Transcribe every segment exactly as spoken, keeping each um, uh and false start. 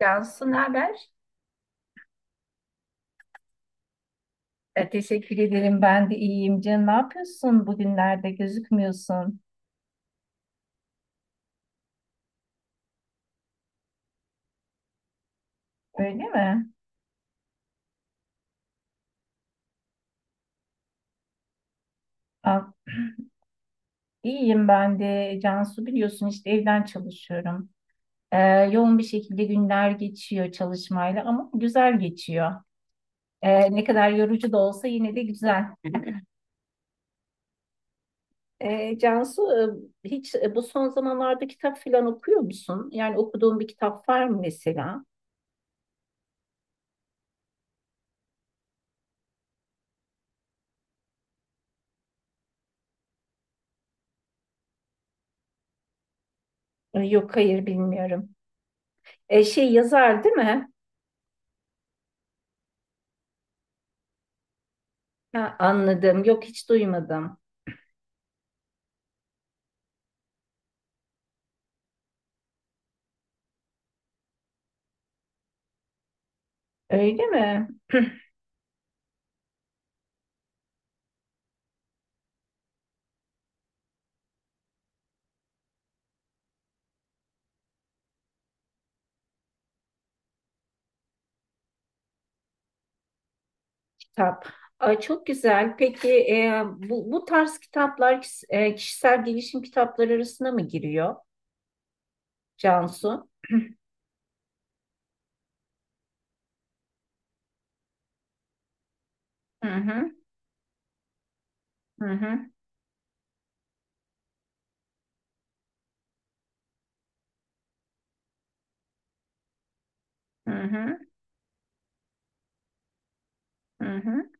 Cansu, ne haber? E, teşekkür ederim. Ben de iyiyim. Can, ne yapıyorsun bugünlerde? Gözükmüyorsun. Öyle mi? Ah, iyiyim ben de. Cansu, biliyorsun işte evden çalışıyorum. E, Yoğun bir şekilde günler geçiyor çalışmayla ama güzel geçiyor. E, ne kadar yorucu da olsa yine de güzel. E, Cansu, e, hiç e, bu son zamanlarda kitap falan okuyor musun? Yani okuduğun bir kitap var mı mesela? E, yok, hayır bilmiyorum. E, şey, yazar değil mi? Ha, anladım. Yok, hiç duymadım. Öyle mi? kitap. Ay, çok güzel. Peki e, bu, bu tarz kitaplar kis- e, kişisel gelişim kitapları arasına mı giriyor Cansu? Hı hı, hı hı, hı hı, hı hı.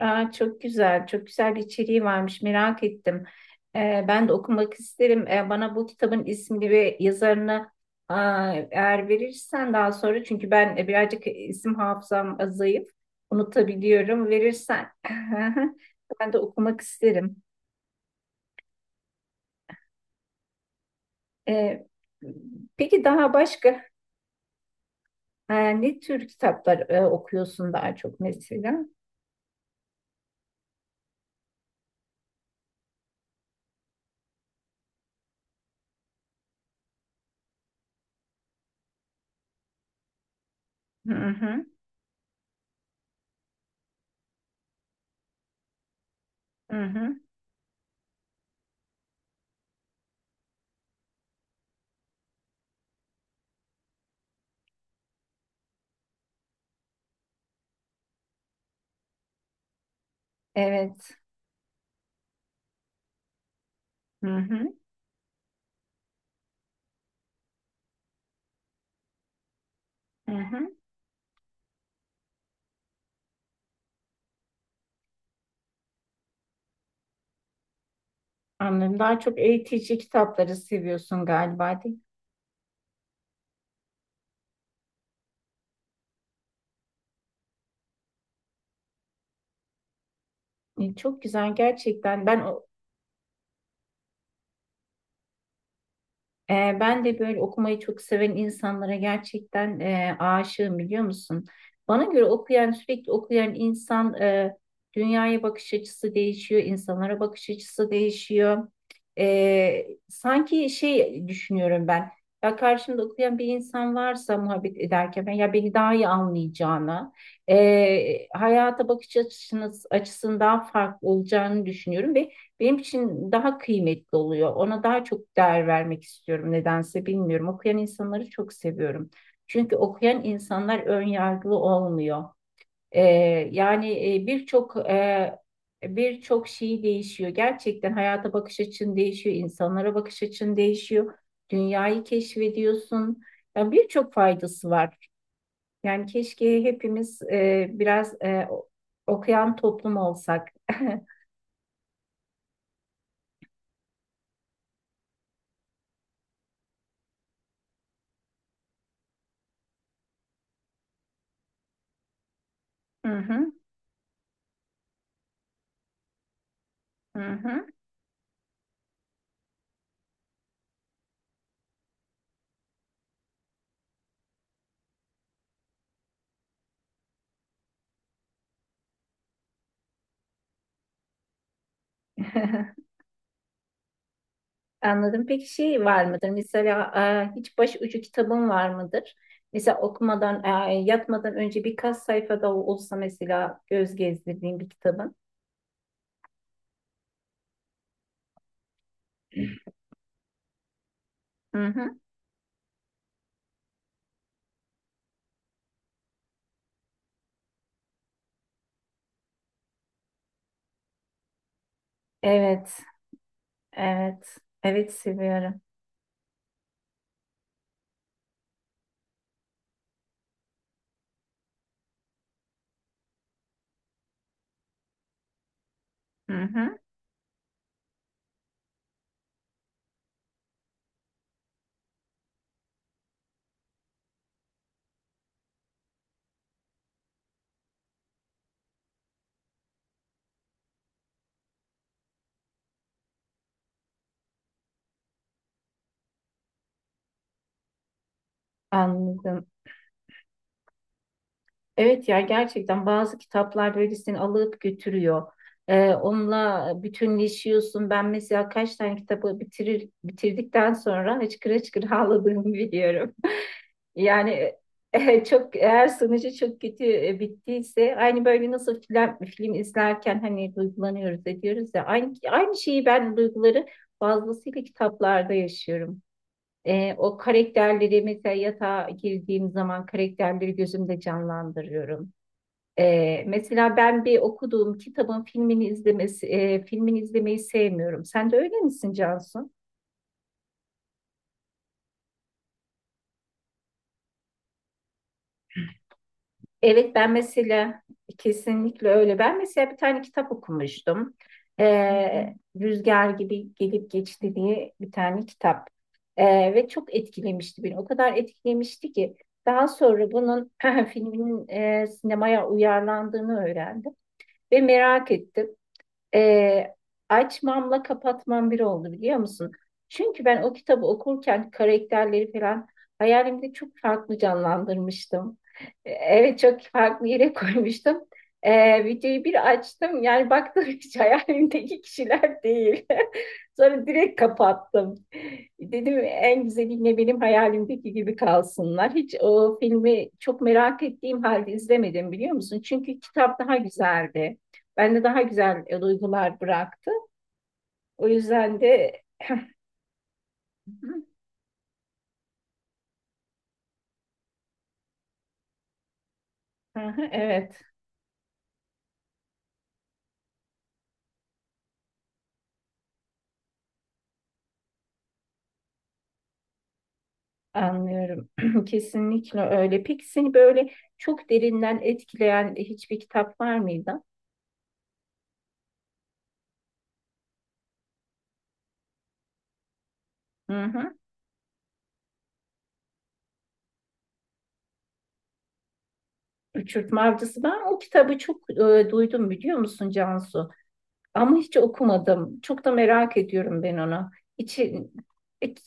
Aa, çok güzel, çok güzel bir içeriği varmış. Merak ettim. E, ben de okumak isterim. E, bana bu kitabın ismini ve yazarını, aa, eğer verirsen daha sonra, çünkü ben e, birazcık isim hafızam zayıf. Unutabiliyorum. Verirsen ben de okumak isterim. Ee, peki daha başka e, ne tür kitaplar e, okuyorsun daha çok mesela? Hı hı, hı hı. Evet. Hı hı, hı hı. Anladım. Daha çok eğitici kitapları seviyorsun galiba, değil mi? E, Çok güzel gerçekten. Ben o, Ee, ben de böyle okumayı çok seven insanlara gerçekten e, aşığım, biliyor musun? Bana göre okuyan, sürekli okuyan insan, e, dünyaya bakış açısı değişiyor, insanlara bakış açısı değişiyor. Ee, sanki şey düşünüyorum ben, ya karşımda okuyan bir insan varsa muhabbet ederken ben, ya beni daha iyi anlayacağını, e, hayata bakış açısınız, açısının daha farklı olacağını düşünüyorum ve benim için daha kıymetli oluyor. Ona daha çok değer vermek istiyorum nedense, bilmiyorum. Okuyan insanları çok seviyorum. Çünkü okuyan insanlar ön yargılı olmuyor. Ee, Yani e, birçok e, birçok şey değişiyor. Gerçekten hayata bakış açın değişiyor, insanlara bakış açın değişiyor. Dünyayı keşfediyorsun. Yani birçok faydası var. Yani keşke hepimiz e, biraz e, okuyan toplum olsak. Hı hı, hı hı. Anladım. Peki şey var mıdır? Mesela e, hiç başucu kitabın var mıdır? Mesela okumadan, e, yatmadan önce birkaç sayfada olsa mesela göz gezdirdiğin bir kitabın. Hı hı. Evet, evet, evet, seviyorum. Hı hı. Anladım. Evet ya, gerçekten bazı kitaplar böyle seni alıp götürüyor. Ee, onunla bütünleşiyorsun. Ben mesela kaç tane kitabı bitirir, bitirdikten sonra hıçkıra hıçkıra ağladığımı biliyorum. Yani eh, çok, eğer sonucu çok kötü eh, bittiyse, aynı böyle nasıl film, film izlerken hani duygulanıyoruz ediyoruz ya, aynı, aynı şeyi ben, duyguları fazlasıyla kitaplarda yaşıyorum. Eh, o karakterleri mesela yatağa girdiğim zaman karakterleri gözümde canlandırıyorum. Ee, mesela ben bir okuduğum kitabın filmini izlemesi, e, filmini izlemeyi sevmiyorum. Sen de öyle misin Cansu? Evet, ben mesela kesinlikle öyle. Ben mesela bir tane kitap okumuştum. Ee, Rüzgar gibi gelip geçti diye bir tane kitap. Ee, ve çok etkilemişti beni. O kadar etkilemişti ki daha sonra bunun filminin e, sinemaya uyarlandığını öğrendim ve merak ettim. Ee, Açmamla kapatmam bir oldu, biliyor musun? Çünkü ben o kitabı okurken karakterleri falan hayalimde çok farklı canlandırmıştım. Ee, Evet, çok farklı yere koymuştum. Ee, videoyu bir açtım, yani baktım hiç hayalimdeki kişiler değil. Sonra direkt kapattım. Dedim, en güzeliyle benim hayalimdeki gibi kalsınlar. Hiç o filmi çok merak ettiğim halde izlemedim, biliyor musun? Çünkü kitap daha güzeldi. Bende daha güzel e, duygular bıraktı. O yüzden de evet, anlıyorum. Kesinlikle öyle. Peki seni böyle çok derinden etkileyen e, hiçbir kitap var mıydı? Hı hı. Uçurtma Avcısı. Ben o kitabı çok e, duydum, biliyor musun Cansu? Ama hiç okumadım. Çok da merak ediyorum ben onu. İçi...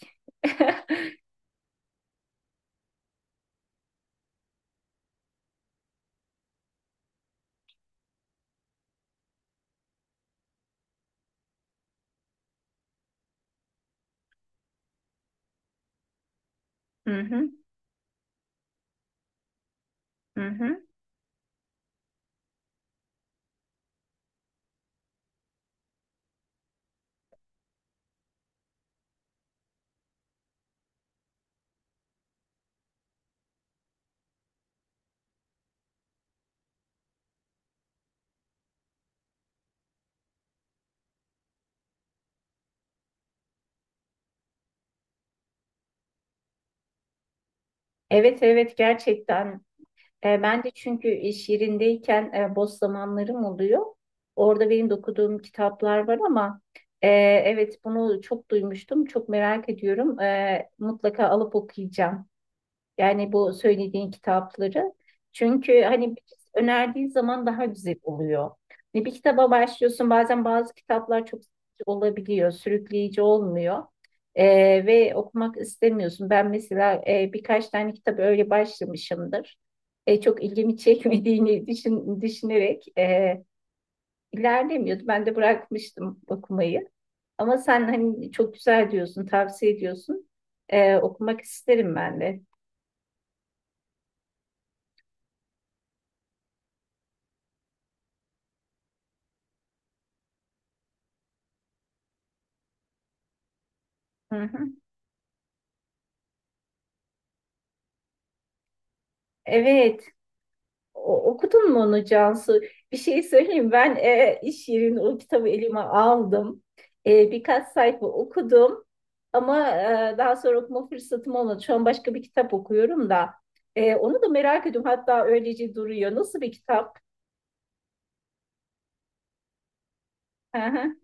Hı hı, hı hı. Evet, evet, gerçekten. E, ben de, çünkü iş yerindeyken e, boş zamanlarım oluyor. Orada benim de okuduğum kitaplar var, ama e, evet, bunu çok duymuştum, çok merak ediyorum. E, mutlaka alıp okuyacağım. Yani bu söylediğin kitapları. Çünkü hani önerdiği zaman daha güzel oluyor. Hani bir kitaba başlıyorsun, bazen bazı kitaplar çok sıkıcı olabiliyor, sürükleyici olmuyor. Ee, ve okumak istemiyorsun. Ben mesela e, birkaç tane kitap öyle başlamışımdır. E, çok ilgimi çekmediğini düşün, düşünerek e, ilerlemiyordu. Ben de bırakmıştım okumayı. Ama sen hani çok güzel diyorsun, tavsiye ediyorsun. E, okumak isterim ben de. Hı hı. Evet, o- okudun mu onu Cansu? Bir şey söyleyeyim. Ben e, iş yerinde o kitabı elime aldım. E, birkaç sayfa okudum. Ama e, daha sonra okuma fırsatım olmadı. Şu an başka bir kitap okuyorum da. E, onu da merak ediyorum. Hatta öylece duruyor. Nasıl bir kitap? Hı hı.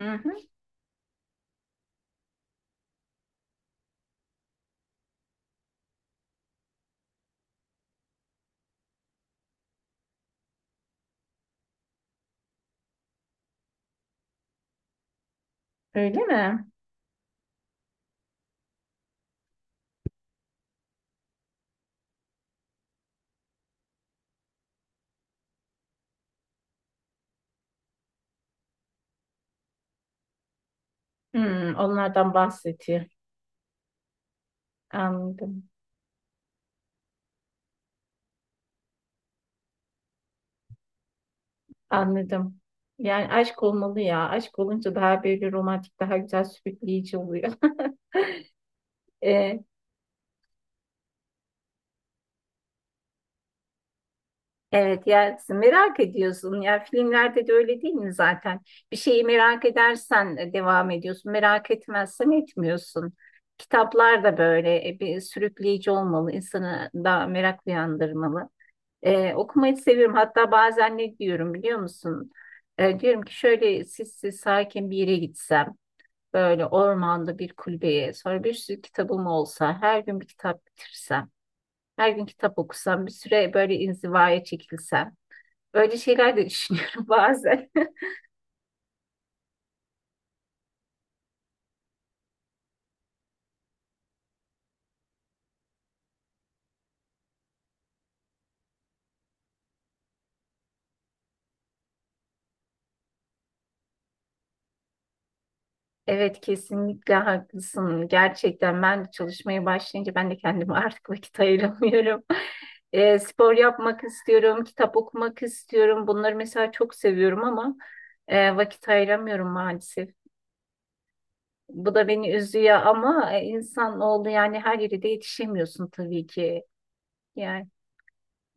Hı hı. Öyle mi? Hmm, onlardan bahsediyor. Anladım. Anladım. Yani aşk olmalı ya. Aşk olunca daha böyle romantik, daha güzel, sürükleyici oluyor. Evet, yersin, merak ediyorsun ya, filmlerde de öyle değil mi zaten. Bir şeyi merak edersen e, devam ediyorsun, merak etmezsen etmiyorsun. Kitaplar da böyle e, bir sürükleyici olmalı, insanı da merak uyandırmalı. E, okumayı seviyorum, hatta bazen ne diyorum biliyor musun? E, diyorum ki şöyle sessiz sakin bir yere gitsem, böyle ormanda bir kulübeye, sonra bir sürü kitabım olsa, her gün bir kitap bitirsem, her gün kitap okusam, bir süre böyle inzivaya çekilsem. Böyle şeyler de düşünüyorum bazen. Evet, kesinlikle haklısın. Gerçekten ben de çalışmaya başlayınca ben de kendime artık vakit ayıramıyorum. E, spor yapmak istiyorum, kitap okumak istiyorum. Bunları mesela çok seviyorum, ama e, vakit ayıramıyorum maalesef. Bu da beni üzüyor, ama e, insan oldu yani, her yere de yetişemiyorsun tabii ki. Yani,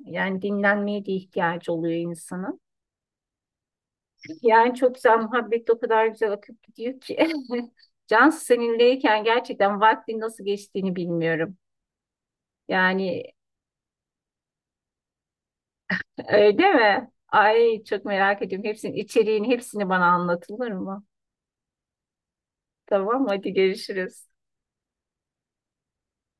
yani dinlenmeye de ihtiyacı oluyor insanın. Yani çok güzel muhabbet, o kadar güzel akıp gidiyor ki. Can, seninleyken gerçekten vaktin nasıl geçtiğini bilmiyorum. Yani öyle mi? Ay, çok merak ediyorum. Hepsinin içeriğini, hepsini bana anlatılır mı? Tamam, hadi görüşürüz.